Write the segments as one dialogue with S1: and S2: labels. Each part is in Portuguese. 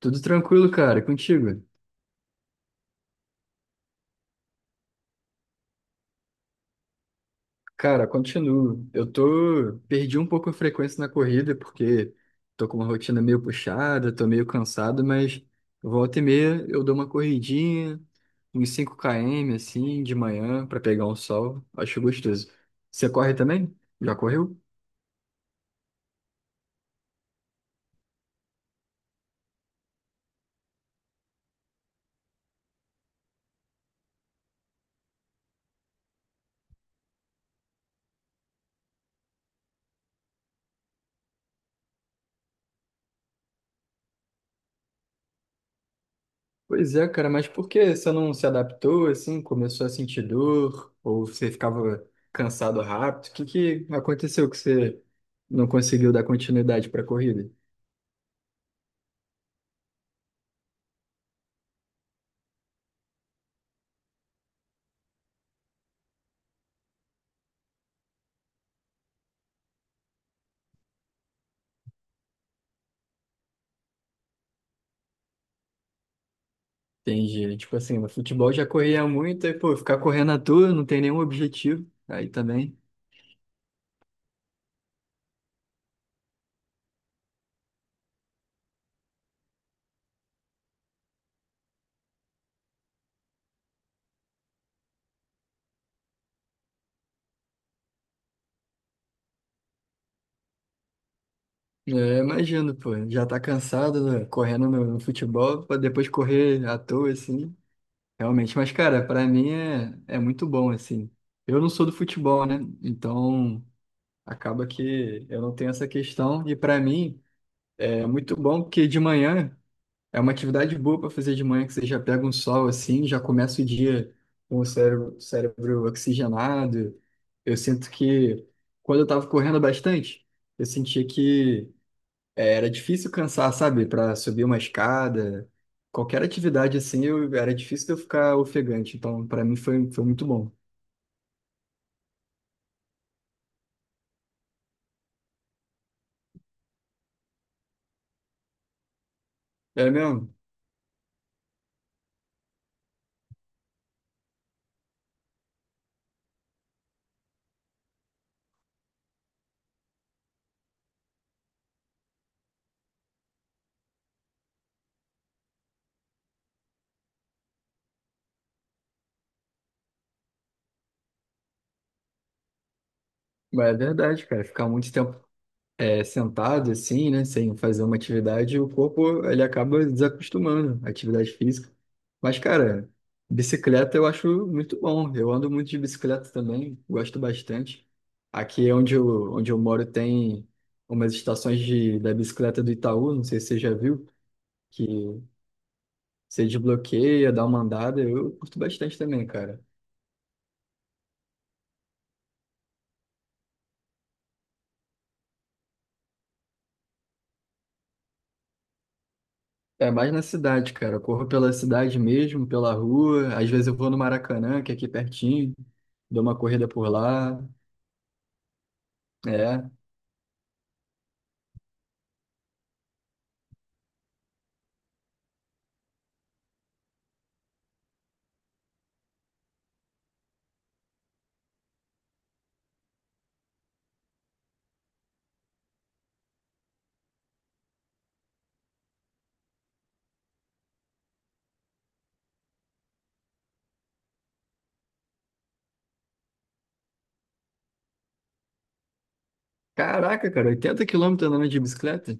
S1: Tudo tranquilo, cara, e contigo? Cara, continuo. Eu tô. Perdi um pouco a frequência na corrida, porque tô com uma rotina meio puxada, tô meio cansado, mas volta e meia eu dou uma corridinha, uns 5 km assim, de manhã, pra pegar um sol. Acho gostoso. Você corre também? Já correu? Pois é, cara, mas por que você não se adaptou assim? Começou a sentir dor? Ou você ficava cansado rápido? O que que aconteceu que você não conseguiu dar continuidade para a corrida? Entendi. Tipo assim, no futebol já corria muito, aí, pô, ficar correndo à toa, não tem nenhum objetivo. Aí também. É, imagino, pô, já tá cansado, né, correndo no futebol, pra depois correr à toa, assim. Realmente, mas, cara, pra mim é muito bom, assim. Eu não sou do futebol, né? Então, acaba que eu não tenho essa questão. E pra mim, é muito bom porque de manhã. É uma atividade boa para fazer de manhã, que você já pega um sol assim, já começa o dia com o cérebro, cérebro oxigenado. Eu sinto que quando eu estava correndo bastante, eu sentia que era difícil cansar, sabe? Para subir uma escada, qualquer atividade assim, eu, era difícil de eu ficar ofegante. Então, para mim foi muito bom. É mesmo? Mas é verdade, cara. Ficar muito tempo sentado assim, né, sem fazer uma atividade, o corpo ele acaba desacostumando à atividade física. Mas, cara, bicicleta eu acho muito bom. Eu ando muito de bicicleta também, gosto bastante. Aqui é onde onde eu moro tem umas estações da bicicleta do Itaú, não sei se você já viu, que você desbloqueia, dá uma andada. Eu curto bastante também, cara. É mais na cidade, cara. Eu corro pela cidade mesmo, pela rua. Às vezes eu vou no Maracanã, que é aqui pertinho, dou uma corrida por lá. É. Caraca, cara, 80 km andando de bicicleta?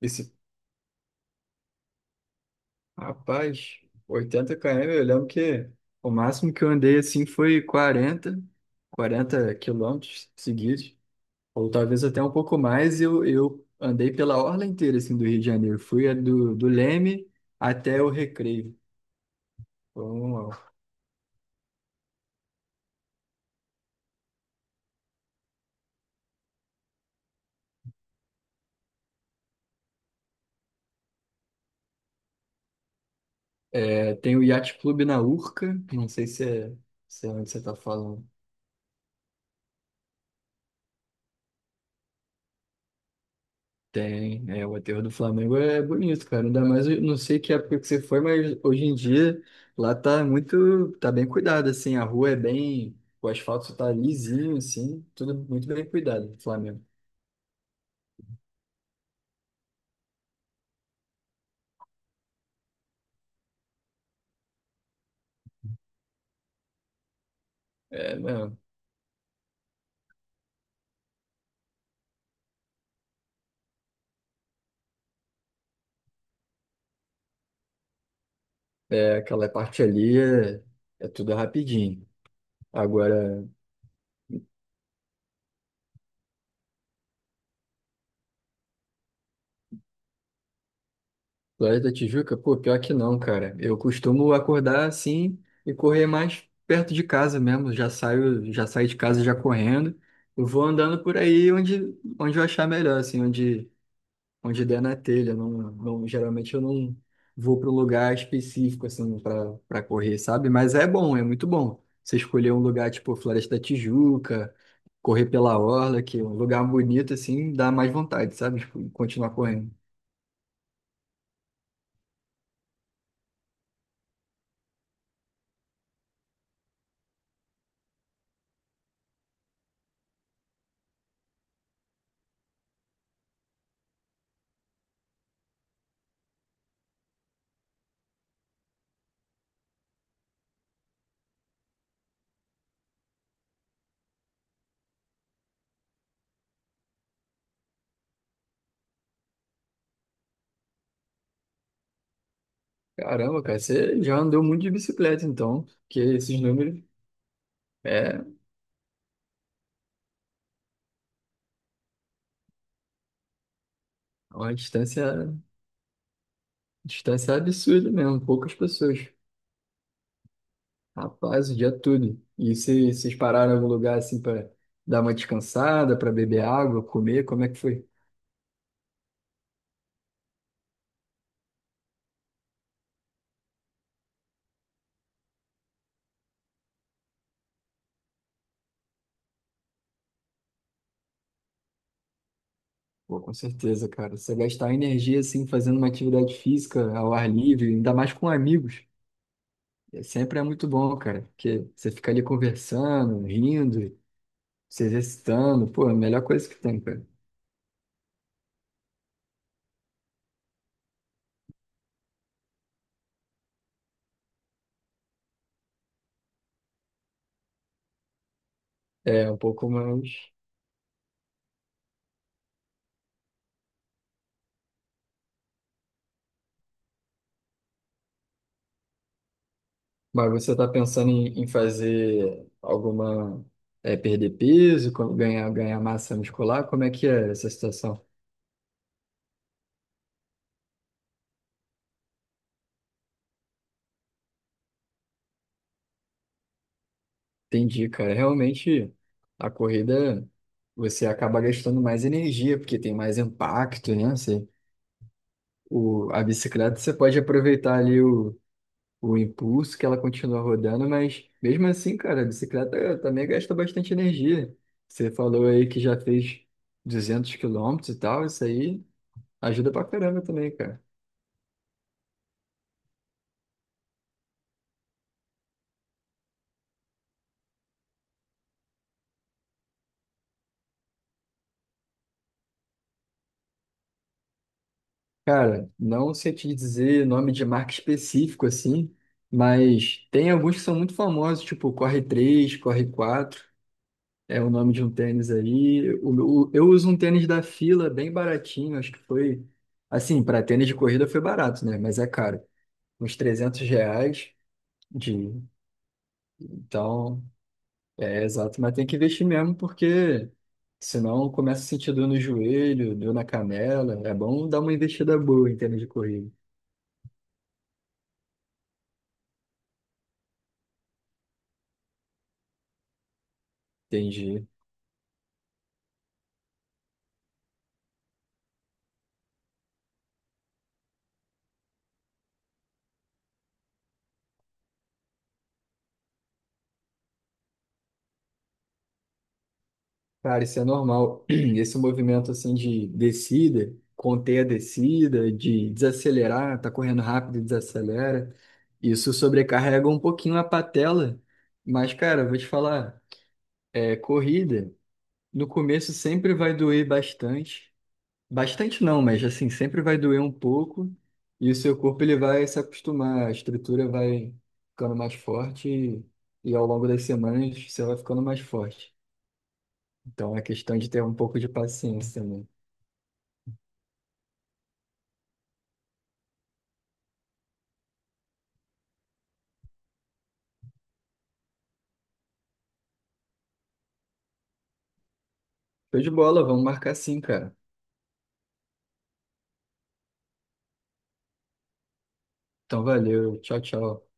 S1: Esse... Rapaz, 80 km, eu lembro que o máximo que eu andei assim foi 40 km seguidos, ou talvez até um pouco mais. Eu andei pela orla inteira assim, do Rio de Janeiro. Fui a do Leme até o Recreio. Foi um- É, tem o Yacht Clube na Urca, não sei se é onde você tá falando. Tem, o aterro do Flamengo é bonito, cara. Ainda mais, eu não sei que época que você foi, mas hoje em dia lá tá muito, tá bem cuidado, assim. A rua é bem, o asfalto tá lisinho, assim, tudo muito bem cuidado do Flamengo. É, não, aquela parte ali é tudo rapidinho. Agora. Laje da Tijuca? Pô, pior que não, cara. Eu costumo acordar assim e correr mais perto de casa mesmo. Já saio de casa já correndo. Eu vou andando por aí onde eu achar melhor, assim, onde der na telha. Não, não, geralmente eu não vou para um lugar específico, assim, para correr, sabe? Mas é bom, é muito bom. Você escolher um lugar tipo Floresta da Tijuca, correr pela orla, que é um lugar bonito, assim, dá mais vontade, sabe? Tipo, continuar correndo. Caramba, cara, você já andou muito de bicicleta, então, porque esses números é uma distância absurda mesmo, poucas pessoas. Rapaz, o dia todo. E se, vocês pararam em algum lugar assim para dar uma descansada, para beber água, comer, como é que foi? Pô, com certeza, cara. Você gastar energia assim fazendo uma atividade física ao ar livre, ainda mais com amigos, sempre é muito bom, cara, porque você fica ali conversando, rindo, se exercitando, pô, é a melhor coisa que tem, cara. É, um pouco mais. Mas você está pensando em fazer alguma, perder peso, ganhar massa muscular? Como é que é essa situação? Entendi, cara. Realmente, a corrida, você acaba gastando mais energia, porque tem mais impacto, né? Você, a bicicleta, você pode aproveitar ali o impulso que ela continua rodando, mas mesmo assim, cara, a bicicleta também gasta bastante energia. Você falou aí que já fez 200 km e tal, isso aí ajuda pra caramba também, cara. Cara, não sei te dizer nome de marca específico assim, mas tem alguns que são muito famosos, tipo Corre 3 Corre 4 é o nome de um tênis aí. Eu uso um tênis da Fila, bem baratinho, acho que foi. Assim, para tênis de corrida foi barato, né? Mas é caro. Uns R$ 300 de. Então, é exato, mas tem que investir mesmo, porque senão começa a sentir dor no joelho, dor na canela. É bom dar uma investida boa em tênis de corrida. Entendi. Cara, isso é normal. Esse movimento assim de descida, conter a descida, de desacelerar, tá correndo rápido e desacelera, isso sobrecarrega um pouquinho a patela. Mas, cara, eu vou te falar, corrida, no começo sempre vai doer bastante. Bastante não, mas assim, sempre vai doer um pouco. E o seu corpo ele vai se acostumar, a estrutura vai ficando mais forte e ao longo das semanas você vai ficando mais forte. Então é questão de ter um pouco de paciência, né? Show de bola, vamos marcar sim, cara. Então valeu, tchau, tchau.